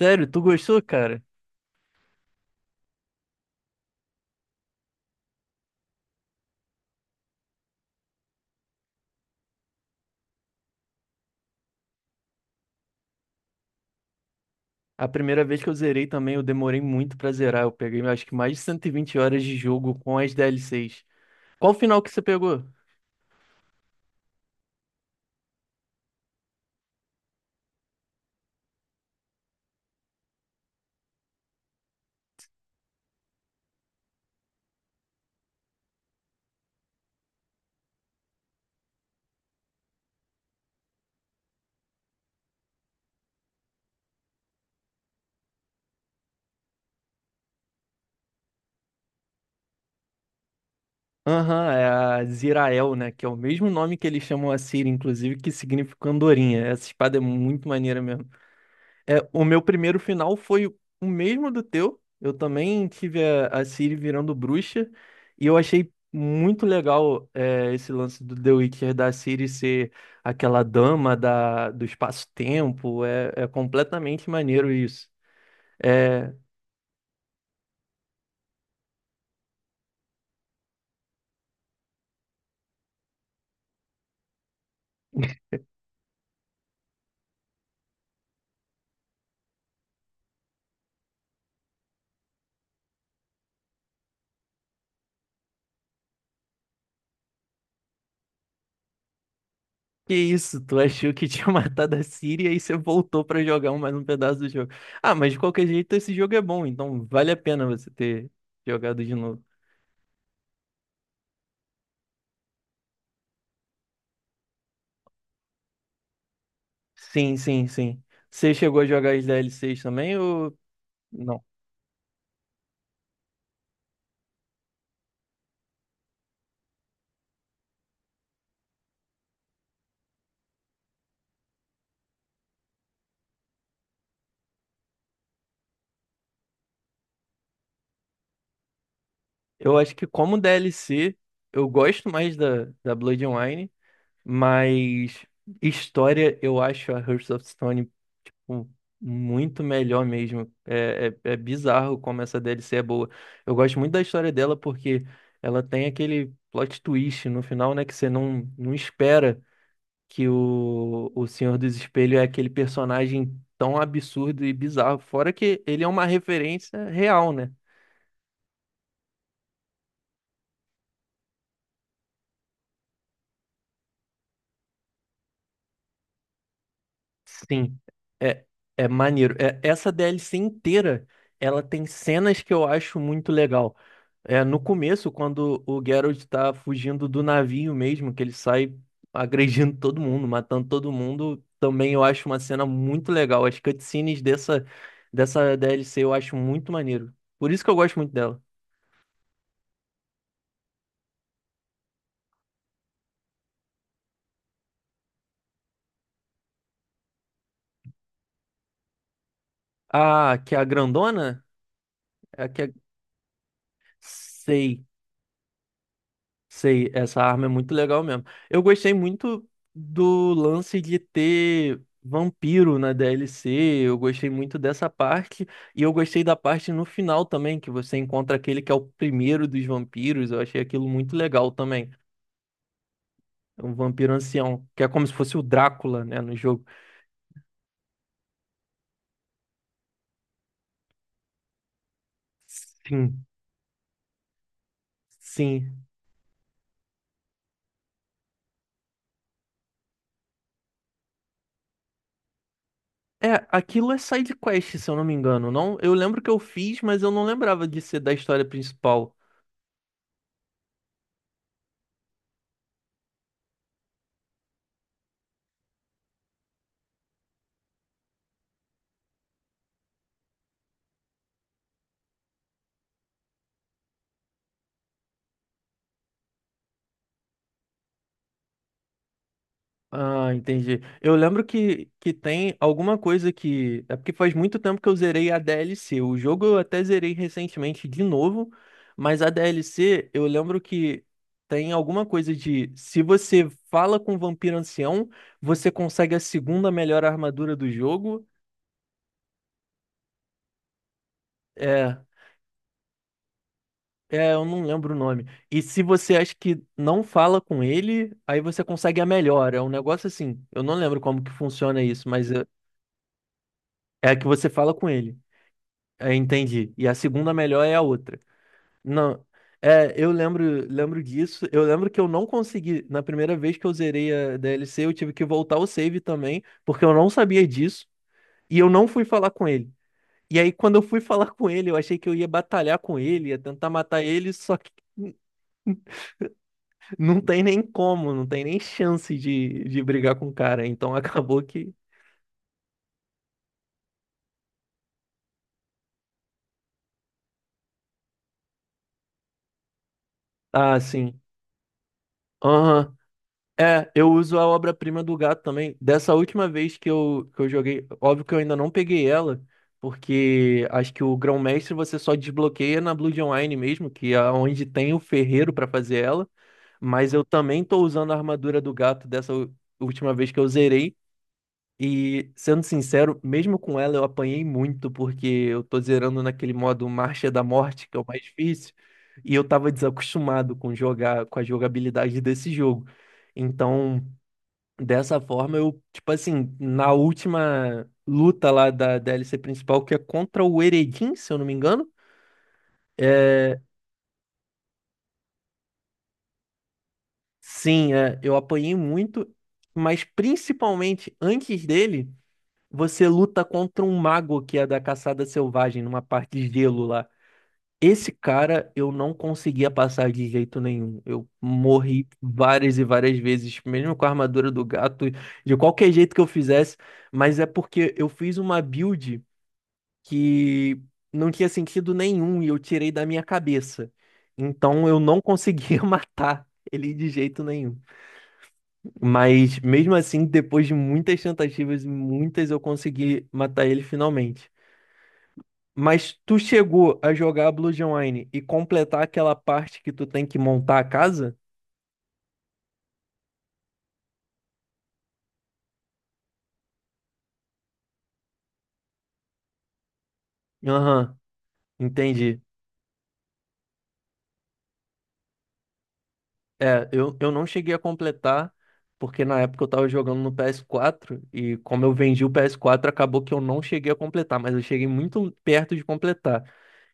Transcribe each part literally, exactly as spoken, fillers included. Sério, tu gostou, cara? A primeira vez que eu zerei também, eu demorei muito pra zerar. Eu peguei, acho que mais de cento e vinte horas de jogo com as D L Cs. Qual o final que você pegou? Aham, é a Zirael, né? Que é o mesmo nome que eles chamam a Ciri, inclusive, que significa andorinha. Essa espada é muito maneira mesmo. É, o meu primeiro final foi o mesmo do teu. Eu também tive a, a Ciri virando bruxa. E eu achei muito legal é, esse lance do The Witcher da Ciri ser aquela dama da, do espaço-tempo. É, é completamente maneiro isso. É, que isso? Tu achou que tinha matado a Ciri e aí você voltou pra jogar um- mais um pedaço do jogo. Ah, mas de qualquer jeito esse jogo é bom, então vale a pena você ter jogado de novo. Sim, sim, sim. Você chegou a jogar as D L Cs também ou não? Eu acho que como D L C, eu gosto mais da, da Blood, mas história eu acho a Hearts of Stone, pô, muito melhor mesmo. É, é, é bizarro como essa D L C é boa. Eu gosto muito da história dela porque ela tem aquele plot twist no final, né, que você não, não espera. Que o, o Senhor dos Espelhos é aquele personagem tão absurdo e bizarro. Fora que ele é uma referência real, né? Sim, é, é maneiro. É- essa D L C inteira, ela tem cenas que eu acho muito legal. É, no começo, quando o Geralt tá fugindo do navio mesmo, que ele sai agredindo todo mundo, matando todo mundo, também eu acho uma cena muito legal. As cutscenes dessa, dessa D L C eu acho muito maneiro. Por isso que eu gosto muito dela. Ah, que é a grandona? É a que é... Sei, sei, essa arma é muito legal mesmo. Eu gostei muito do lance de ter vampiro na D L C, eu gostei muito dessa parte, e eu gostei da parte no final também, que você encontra aquele que é o primeiro dos vampiros, eu achei aquilo muito legal também. É um vampiro ancião, que é como se fosse o Drácula, né, no jogo. Sim, sim. É, aquilo é side quest, se eu não me engano, não? Eu lembro que eu fiz, mas eu não lembrava de ser da história principal. Ah, entendi. Eu lembro que, que tem alguma coisa que. É porque faz muito tempo que eu zerei a D L C. O jogo eu até zerei recentemente de novo, mas a D L C eu lembro que tem alguma coisa de. Se você fala com o vampiro ancião, você consegue a segunda melhor armadura do jogo. É, É, eu não lembro o nome. E se você acha que não fala com ele, aí você consegue a melhor. É um negócio assim. Eu não lembro como que funciona isso, mas é é a que você fala com ele. É, entendi. E a segunda melhor é a outra. Não. É, eu lembro, lembro disso. Eu lembro que eu não consegui. Na primeira vez que eu zerei a D L C, eu tive que voltar o save também, porque eu não sabia disso. E eu não fui falar com ele. E aí, quando eu fui falar com ele, eu achei que eu ia batalhar com ele, ia tentar matar ele, só... Não tem nem como, não tem nem chance de, de brigar com o cara. Então acabou que... Ah, sim. Aham. É, eu uso a obra-prima do gato também. Dessa última vez que eu, que eu joguei, óbvio que eu ainda não peguei ela, porque acho que o Grão-Mestre você só desbloqueia na Blood Online mesmo, que é onde tem o ferreiro pra fazer ela. Mas eu também tô usando a armadura do gato dessa u- última vez que eu zerei. E, sendo sincero, mesmo com ela eu apanhei muito, porque eu tô zerando naquele modo Marcha da Morte, que é o mais difícil, e eu tava desacostumado com jogar, com a jogabilidade desse jogo. Então, dessa forma, eu, tipo assim, na última luta lá da D L C principal, que é contra o Eredin, se eu não me engano, é, sim, é, eu apanhei muito, mas principalmente antes dele. Você luta contra um mago que é da caçada selvagem, numa parte de gelo lá. Esse cara eu não conseguia passar de jeito nenhum. Eu morri várias e várias vezes, mesmo com a armadura do gato, de qualquer jeito que eu fizesse. Mas é porque eu fiz uma build que não tinha sentido nenhum e eu tirei da minha cabeça. Então eu não conseguia matar ele de jeito nenhum. Mas mesmo assim, depois de muitas tentativas e muitas, eu consegui matar ele finalmente. Mas tu chegou a jogar Blue Online e completar aquela parte que tu tem que montar a casa? Aham, entendi. É, eu, eu não cheguei a completar, porque na época eu tava jogando no P S quatro, e como eu vendi o P S quatro, acabou que eu não cheguei a completar, mas eu cheguei muito perto de completar.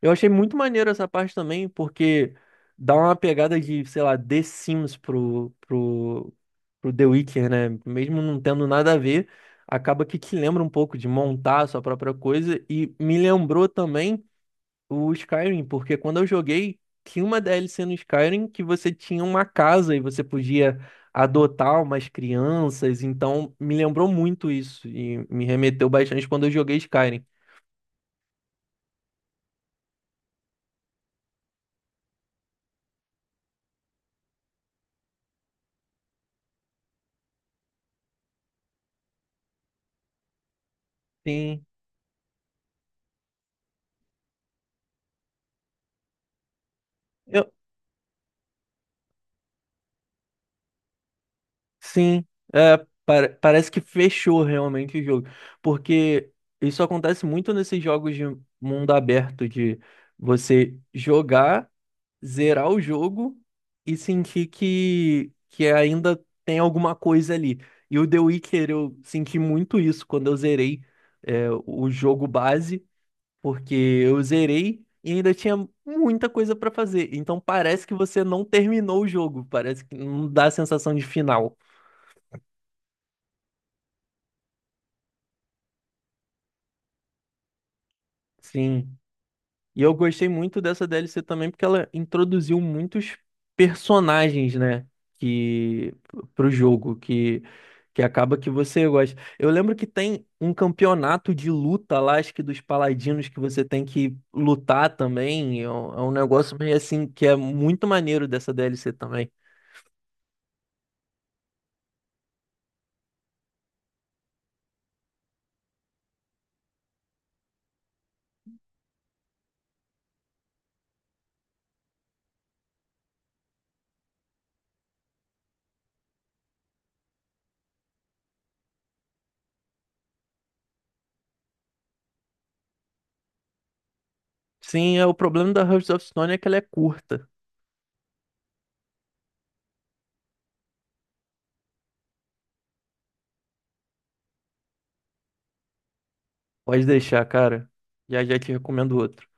Eu achei muito maneiro essa parte também, porque dá uma pegada de, sei lá, The Sims pro, pro, pro The Witcher, né? Mesmo não tendo nada a ver, acaba que te lembra um pouco de montar a sua própria coisa, e me lembrou também o Skyrim, porque quando eu joguei, tinha uma D L C no Skyrim que você tinha uma casa e você podia adotar umas crianças, então me lembrou muito isso e me remeteu bastante quando eu joguei Skyrim. Sim, eu, sim, é, pare- parece que fechou realmente o jogo, porque isso acontece muito nesses jogos de mundo aberto, de você jogar zerar o jogo e sentir que, que ainda tem alguma coisa ali. E o The Witcher, eu senti muito isso quando eu zerei é, o jogo base, porque eu zerei e ainda tinha muita coisa pra fazer. Então parece que você não terminou o jogo, parece que não dá a sensação de final. Sim. E eu gostei muito dessa D L C também porque ela introduziu muitos personagens, né, que pro jogo que que acaba que você gosta. Eu lembro que tem um campeonato de luta lá, acho que dos paladinos que você tem que lutar também. É um, é um negócio meio assim que é muito maneiro dessa D L C também. Sim, é o problema da Hearts of Stone é que ela é curta. Pode deixar, cara. Já já te recomendo outro.